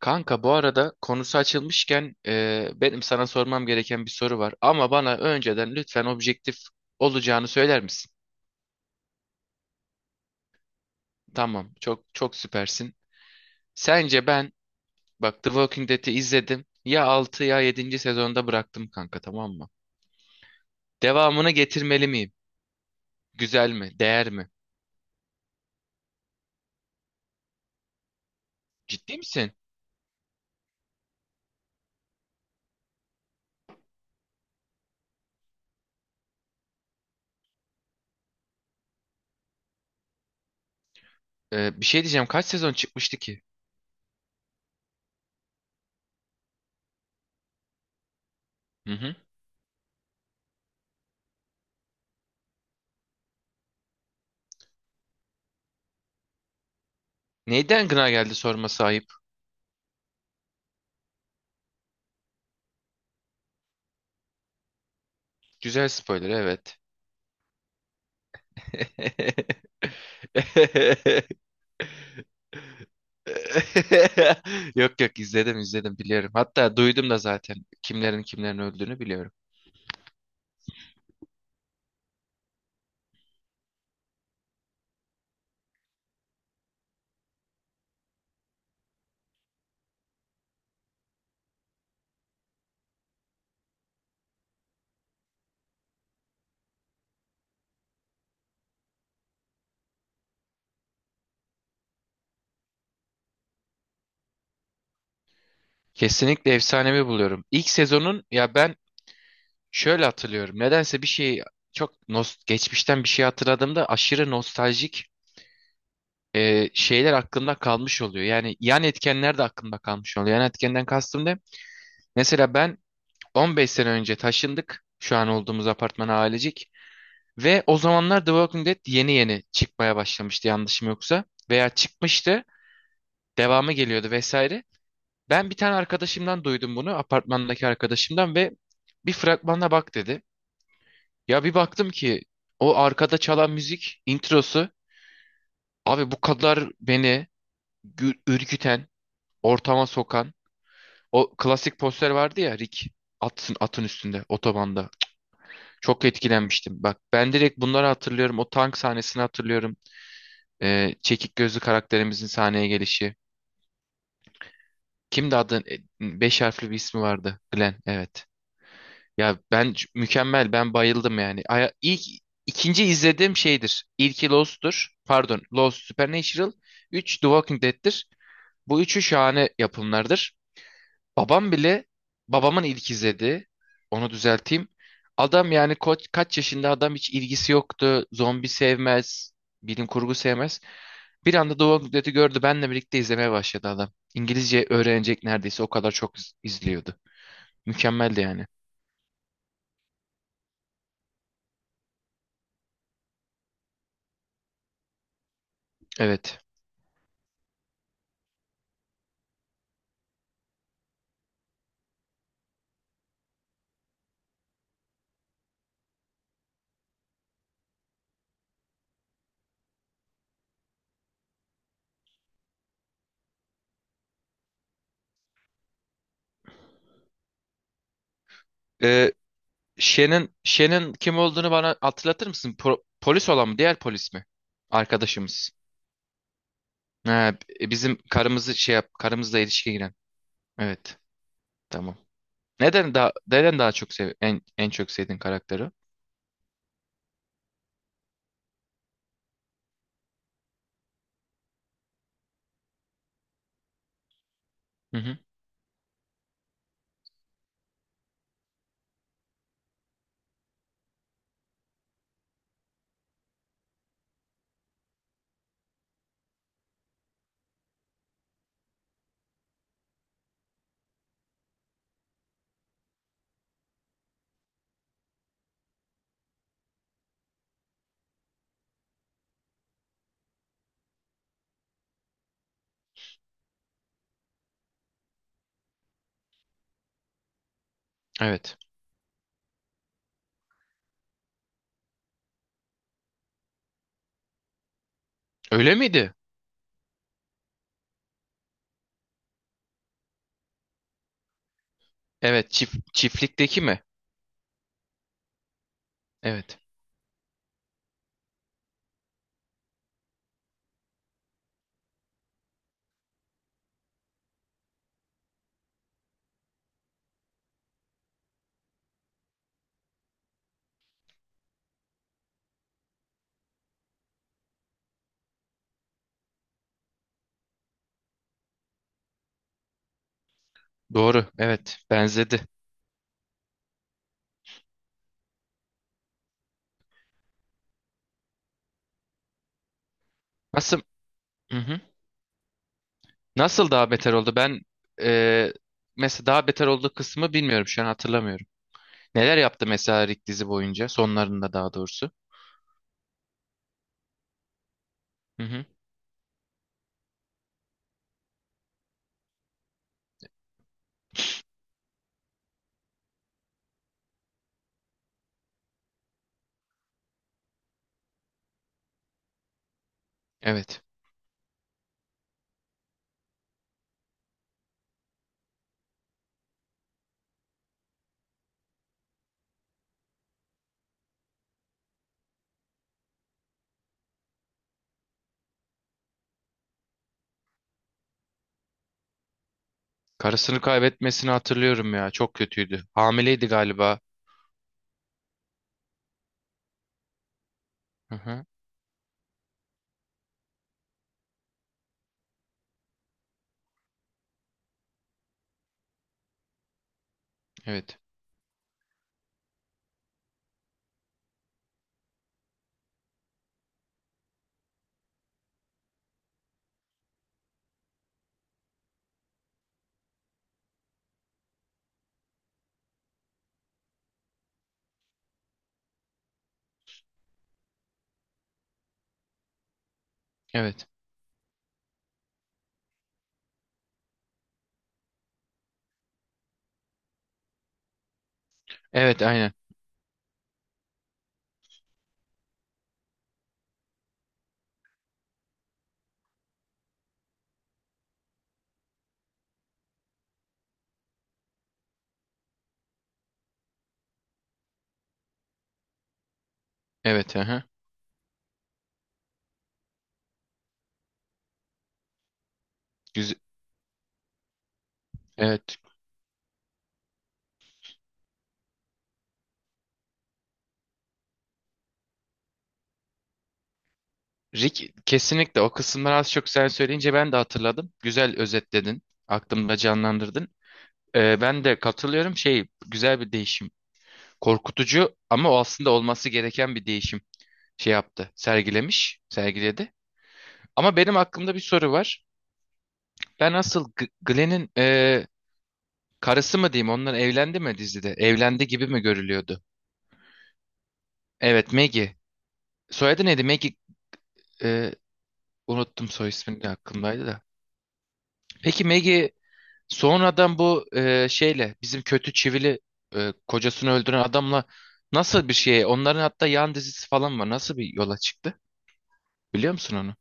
Kanka bu arada konusu açılmışken benim sana sormam gereken bir soru var. Ama bana önceden lütfen objektif olacağını söyler misin? Tamam, çok çok süpersin. Sence ben, bak, The Walking Dead'i izledim. Ya 6 ya yedinci sezonda bıraktım kanka, tamam mı? Devamını getirmeli miyim? Güzel mi? Değer mi? Ciddi misin? Bir şey diyeceğim. Kaç sezon çıkmıştı ki? Hı hı. Neyden gına geldi sorma sahip? Güzel spoiler, evet. Yok, yok, izledim, izledim, biliyorum. Hatta duydum da, zaten kimlerin öldüğünü biliyorum. Kesinlikle efsanevi buluyorum. İlk sezonun, ya ben şöyle hatırlıyorum. Nedense bir şeyi çok nos, geçmişten bir şey hatırladığımda aşırı nostaljik şeyler aklımda kalmış oluyor. Yani yan etkenler de aklımda kalmış oluyor. Yan etkenden kastım ne? Mesela ben 15 sene önce taşındık. Şu an olduğumuz apartmana, ailecek. Ve o zamanlar The Walking Dead yeni yeni çıkmaya başlamıştı, yanlışım yoksa. Veya çıkmıştı, devamı geliyordu vesaire. Ben bir tane arkadaşımdan duydum bunu, apartmandaki arkadaşımdan ve bir fragmana bak dedi. Ya bir baktım ki o arkada çalan müzik introsu, abi bu kadar beni ürküten, ortama sokan o klasik poster vardı ya, Rick atın üstünde otobanda. Çok etkilenmiştim. Bak ben direkt bunları hatırlıyorum. O tank sahnesini hatırlıyorum. Çekik gözlü karakterimizin sahneye gelişi. Kimdi adı? Beş harfli bir ismi vardı. Glenn. Evet. Ya ben mükemmel, ben bayıldım yani. İlk ikinci izlediğim şeydir. İlki Lost'tur. Pardon, Lost, Supernatural, 3 The Walking Dead'tir. Bu üçü şahane yapımlardır. Babam bile babamın ilk izlediği. Onu düzelteyim. Adam yani kaç yaşında adam, hiç ilgisi yoktu. Zombi sevmez, bilim kurgu sevmez. Bir anda The Walking Dead'i gördü. Benle birlikte izlemeye başladı adam. İngilizce öğrenecek neredeyse, o kadar çok izliyordu. Mükemmeldi yani. Evet. Shen'in kim olduğunu bana hatırlatır mısın? Polis olan mı? Diğer polis mi? Arkadaşımız. Ha, bizim karımızı şey yap, karımızla ilişkiye giren. Evet. Tamam. Neden daha neden daha çok sev en en çok sevdiğin karakteri? Hı hı. Evet. Öyle miydi? Evet, çiftlikteki mi? Evet. Doğru. Evet, benzedi. Nasıl? Hı hı. Nasıl daha beter oldu? Ben, e, mesela daha beter olduğu kısmı bilmiyorum, şu an hatırlamıyorum. Neler yaptı mesela Rick dizi boyunca, sonlarında daha doğrusu? Hı hı. Evet. Karısını kaybetmesini hatırlıyorum ya. Çok kötüydü. Hamileydi galiba. Hı hı. Evet. Evet. Evet, aynen. Evet. Hı hı. Güzel. Evet. Rick kesinlikle, o kısımları az çok sen söyleyince ben de hatırladım. Güzel özetledin. Aklımda canlandırdın. Ben de katılıyorum. Şey, güzel bir değişim. Korkutucu ama o aslında olması gereken bir değişim, şey yaptı. Sergilemiş. Sergiledi. Ama benim aklımda bir soru var. Ben asıl Glenn'in karısı mı diyeyim? Onlar evlendi mi dizide? Evlendi gibi mi görülüyordu? Evet, Maggie. Soyadı neydi? Maggie, e, unuttum soy ismini de, aklımdaydı da. Peki Maggie sonradan bu, şeyle, bizim kötü çivili, kocasını öldüren adamla nasıl bir şeye, onların hatta yan dizisi falan var. Nasıl bir yola çıktı? Biliyor musun onu?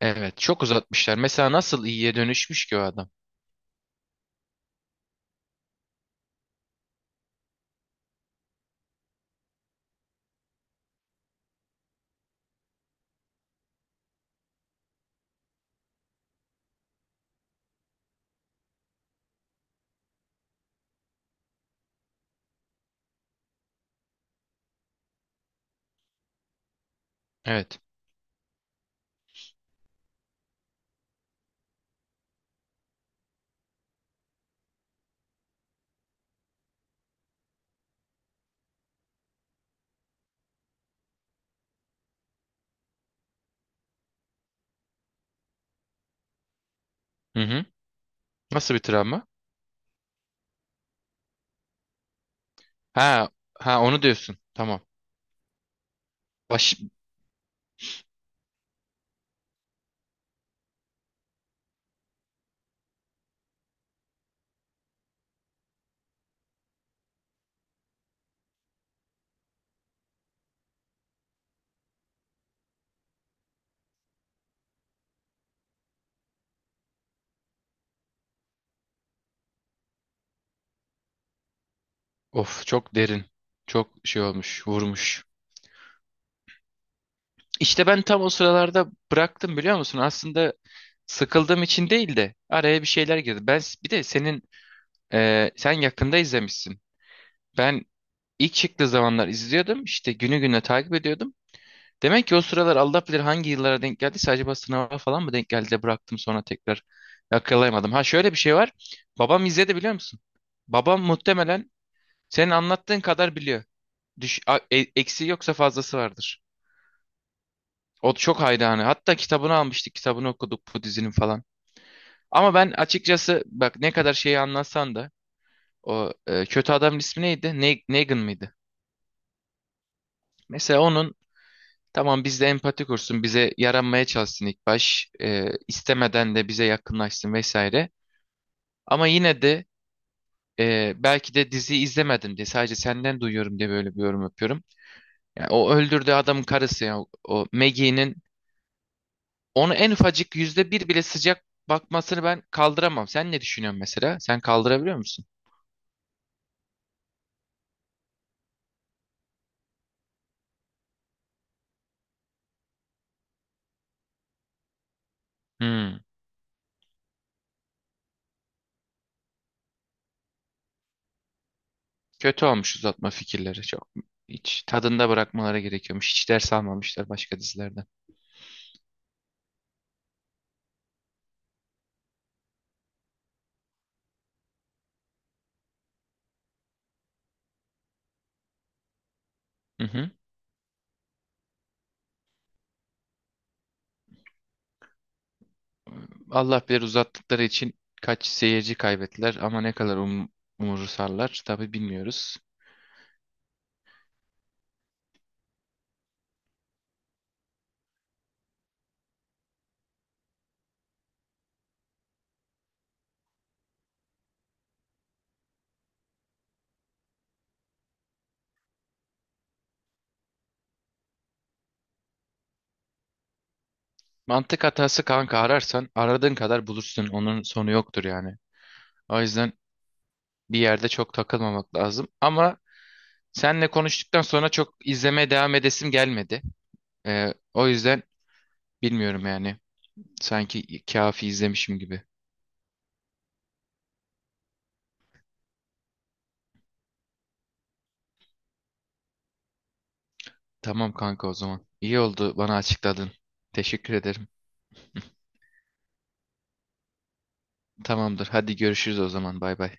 Evet, çok uzatmışlar. Mesela nasıl iyiye dönüşmüş ki o adam? Evet. Hı hı. Nasıl bir travma? Ha, ha onu diyorsun. Tamam. Baş, of çok derin. Çok şey olmuş, vurmuş. İşte ben tam o sıralarda bıraktım, biliyor musun? Aslında sıkıldığım için değil de araya bir şeyler girdi. Ben bir de senin, sen yakında izlemişsin. Ben ilk çıktığı zamanlar izliyordum. İşte günü güne takip ediyordum. Demek ki o sıralar Allah bilir hangi yıllara denk geldiyse, acaba sınava falan mı denk geldi de bıraktım, sonra tekrar yakalayamadım. Ha, şöyle bir şey var. Babam izledi biliyor musun? Babam muhtemelen senin anlattığın kadar biliyor. Düş, eksiği yoksa fazlası vardır. O çok hayranı. Hatta kitabını almıştık. Kitabını okuduk bu dizinin falan. Ama ben açıkçası, bak, ne kadar şeyi anlatsan da o, kötü adamın ismi neydi? Ne, Negan mıydı? Mesela onun, tamam bizde empati kursun. Bize yaranmaya çalışsın ilk baş, istemeden de bize yakınlaşsın vesaire. Ama yine de, belki de diziyi izlemedim diye, sadece senden duyuyorum diye böyle bir yorum yapıyorum. Yani o öldürdüğü adamın karısı ya, o Maggie'nin, onu en ufacık %1 bile sıcak bakmasını ben kaldıramam. Sen ne düşünüyorsun mesela? Sen kaldırabiliyor musun? Hmm. Kötü olmuş uzatma fikirleri. Çok, hiç tadında bırakmaları gerekiyormuş. Hiç ders almamışlar başka dizilerden. Hı hı. Allah bilir uzattıkları için kaç seyirci kaybettiler, ama ne kadar umursarlar tabii, bilmiyoruz. Mantık hatası, kanka, ararsan aradığın kadar bulursun. Onun sonu yoktur yani. O yüzden bir yerde çok takılmamak lazım. Ama senle konuştuktan sonra çok izlemeye devam edesim gelmedi. O yüzden bilmiyorum yani. Sanki kafi izlemişim gibi. Tamam kanka, o zaman. İyi oldu, bana açıkladın. Teşekkür ederim. Tamamdır. Hadi görüşürüz o zaman. Bay bay.